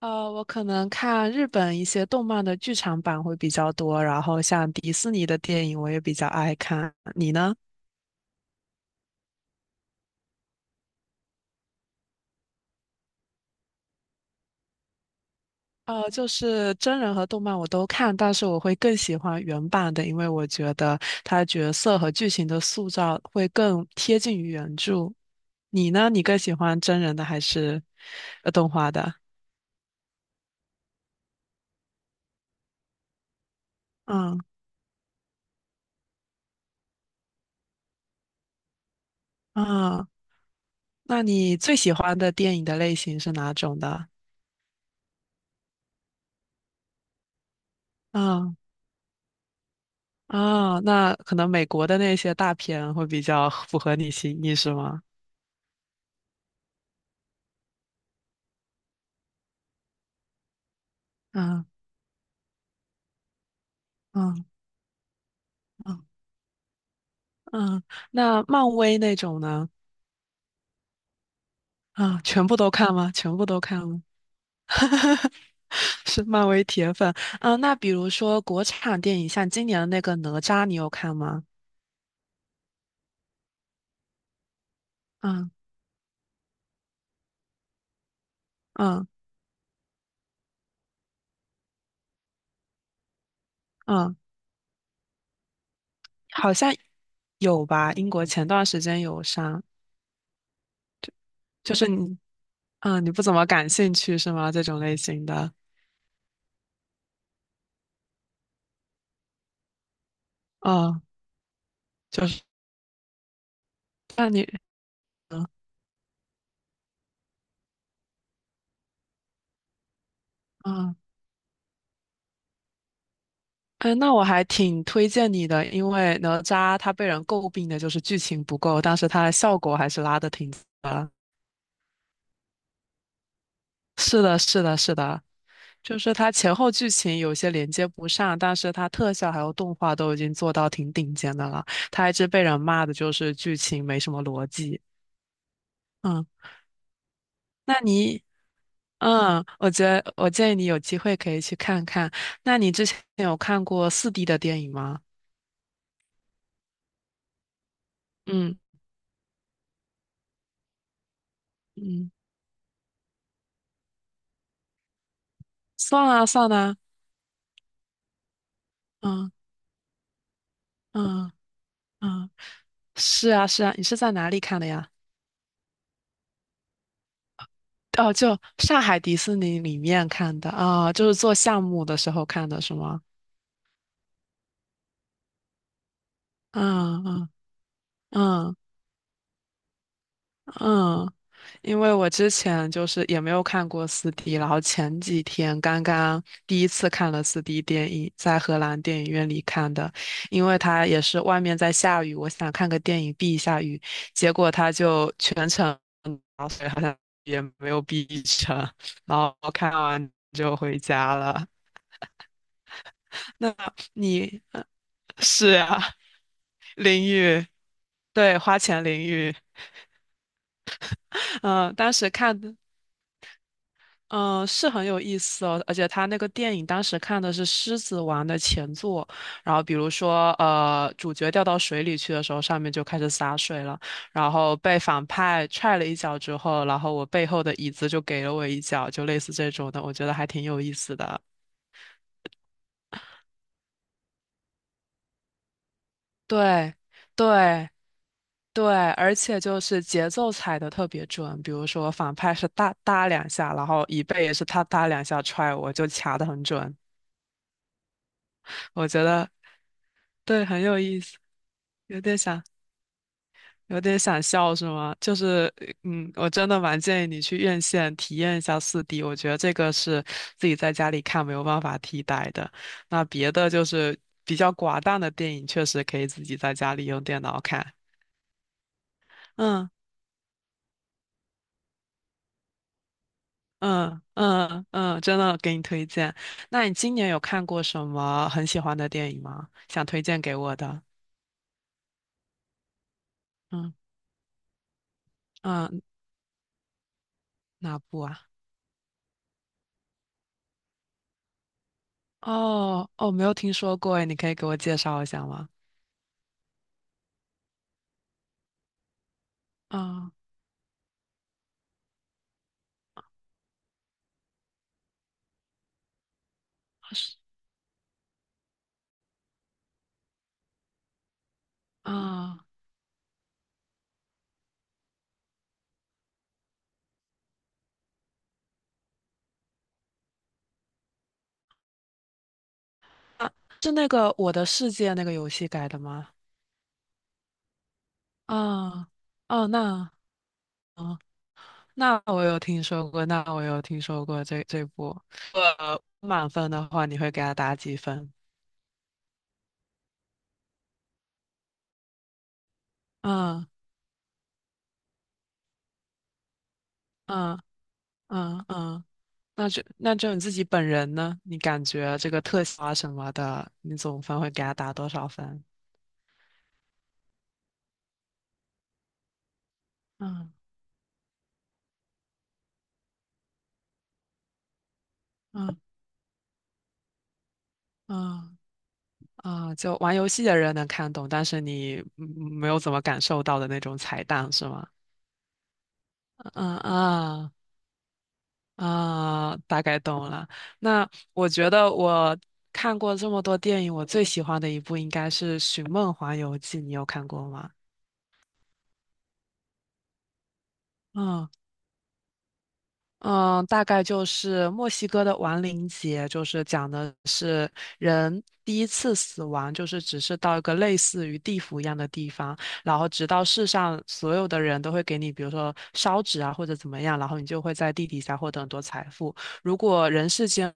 我可能看日本一些动漫的剧场版会比较多，然后像迪士尼的电影我也比较爱看。你呢？就是真人和动漫我都看，但是我会更喜欢原版的，因为我觉得它角色和剧情的塑造会更贴近于原著。你呢？你更喜欢真人的还是动画的？嗯嗯，那你最喜欢的电影的类型是哪种的？嗯。啊，那可能美国的那些大片会比较符合你心意，是吗？嗯嗯嗯嗯，那漫威那种呢？啊，全部都看吗？全部都看吗？是漫威铁粉。那比如说国产电影，像今年的那个哪吒，你有看吗？嗯嗯嗯，好像有吧？英国前段时间有上，就是你，你不怎么感兴趣是吗？这种类型的，哦，就是那你，嗯啊嗯，那我还挺推荐你的，因为哪吒他被人诟病的就是剧情不够，但是他的效果还是拉的挺。是的，是的，是的，就是它前后剧情有些连接不上，但是它特效还有动画都已经做到挺顶尖的了。它一直被人骂的就是剧情没什么逻辑。嗯，那你，嗯，我觉得我建议你有机会可以去看看。那你之前有看过四 d 的电影吗？嗯嗯，算啊算啊，嗯嗯嗯。是啊，是啊，你是在哪里看的呀？哦，就上海迪士尼里面看的啊，就是做项目的时候看的，是吗？嗯嗯嗯嗯，因为我之前就是也没有看过四 d 然后前几天刚刚第一次看了四 d 电影，在荷兰电影院里看的，因为它也是外面在下雨，我想看个电影避一下雨，结果它就全程好水，然后所以好像也没有避成，然后看完就回家了。那你呃是啊，淋浴，对，花钱淋浴，嗯、当时看的，嗯、是很有意思哦，而且他那个电影当时看的是《狮子王》的前作，然后比如说，主角掉到水里去的时候，上面就开始洒水了，然后被反派踹了一脚之后，然后我背后的椅子就给了我一脚，就类似这种的，我觉得还挺有意思的，对，对。对，而且就是节奏踩的特别准，比如说反派是哒哒两下，然后椅背也是他哒两下踹我，就卡的很准。我觉得对，很有意思，有点想有点想笑是吗？我真的蛮建议你去院线体验一下四 d 我觉得这个是自己在家里看没有办法替代的。那别的就是比较寡淡的电影，确实可以自己在家里用电脑看。嗯。嗯，真的给你推荐。那你今年有看过什么很喜欢的电影吗？想推荐给我的？嗯嗯，哪部啊？哦哦，没有听说过诶，你可以给我介绍一下吗？啊、是啊啊，是那个《我的世界》那个游戏改的吗？啊哦，那哦，那我有听说过这部。满分的话，你会给他打几分？嗯嗯嗯嗯。那就你自己本人呢？你感觉这个特效啊什么的，你总分会给他打多少分？嗯嗯嗯就玩游戏的人能看懂，但是你没有怎么感受到的那种彩蛋是吗？嗯啊大概懂了。那我觉得我看过这么多电影，我最喜欢的一部应该是《寻梦环游记》，你有看过吗？嗯嗯，大概就是墨西哥的亡灵节，就是讲的是人第一次死亡，就是只是到一个类似于地府一样的地方，然后直到世上所有的人都会给你，比如说烧纸啊或者怎么样，然后你就会在地底下获得很多财富。如果人世间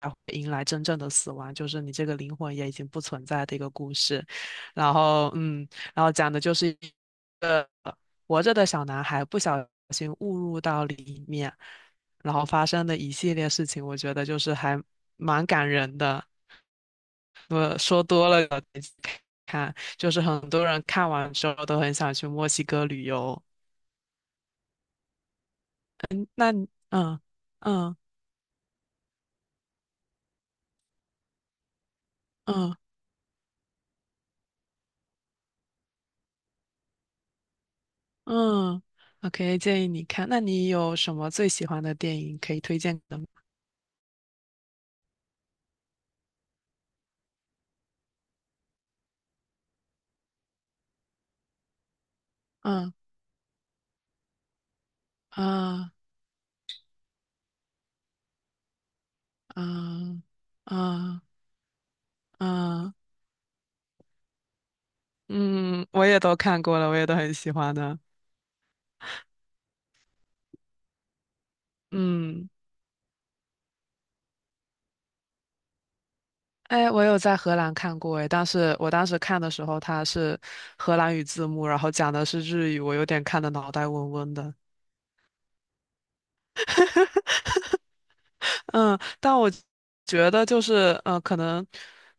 才会迎来真正的死亡，就是你这个灵魂也已经不存在的一个故事。然后，然后讲的就是一个活着的小男孩不小心误入到里面，然后发生的一系列事情，我觉得就是还蛮感人的。我说多了，看，就是很多人看完之后都很想去墨西哥旅游。那你嗯嗯嗯。嗯，OK，建议你看。那你有什么最喜欢的电影可以推荐的吗？嗯啊啊啊啊！嗯，我也都看过了，我也都很喜欢的。嗯，哎，我有在荷兰看过哎，但是我当时看的时候，它是荷兰语字幕，然后讲的是日语，我有点看的脑袋嗡嗡的。嗯，但我觉得就是可能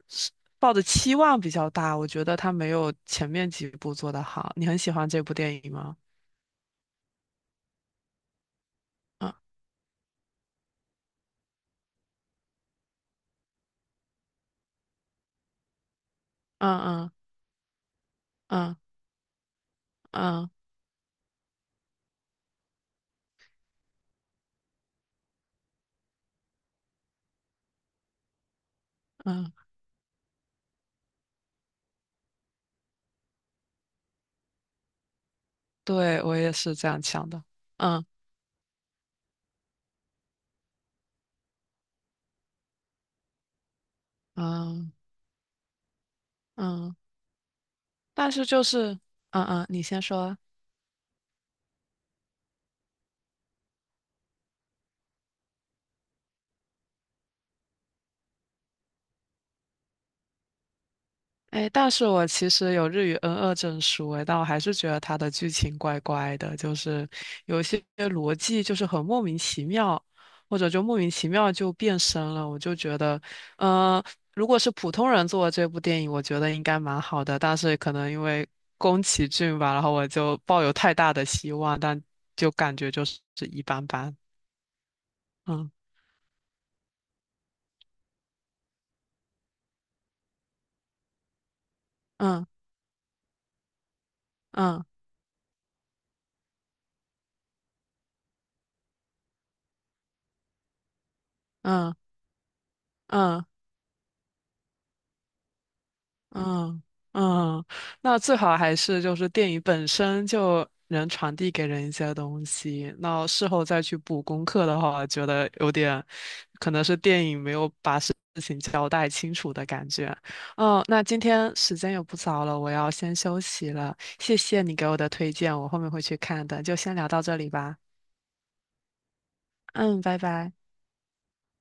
是抱的期望比较大，我觉得他没有前面几部做得好。你很喜欢这部电影吗？嗯嗯嗯嗯嗯嗯，对，我也是这样想的。嗯嗯嗯，但是就是嗯嗯，你先说。哎，但是我其实有日语 N2证书，哎，但我还是觉得它的剧情怪怪的，就是有一些逻辑就是很莫名其妙，或者就莫名其妙就变身了。我就觉得，呃，如果是普通人做的这部电影，我觉得应该蛮好的，但是可能因为宫崎骏吧，然后我就抱有太大的希望，但就感觉就是一般般。嗯嗯嗯嗯嗯嗯嗯嗯，那最好还是就是电影本身就能传递给人一些东西。那事后再去补功课的话，觉得有点可能是电影没有把事情交代清楚的感觉。嗯，那今天时间也不早了，我要先休息了。谢谢你给我的推荐，我后面会去看的。就先聊到这里吧。嗯，拜拜。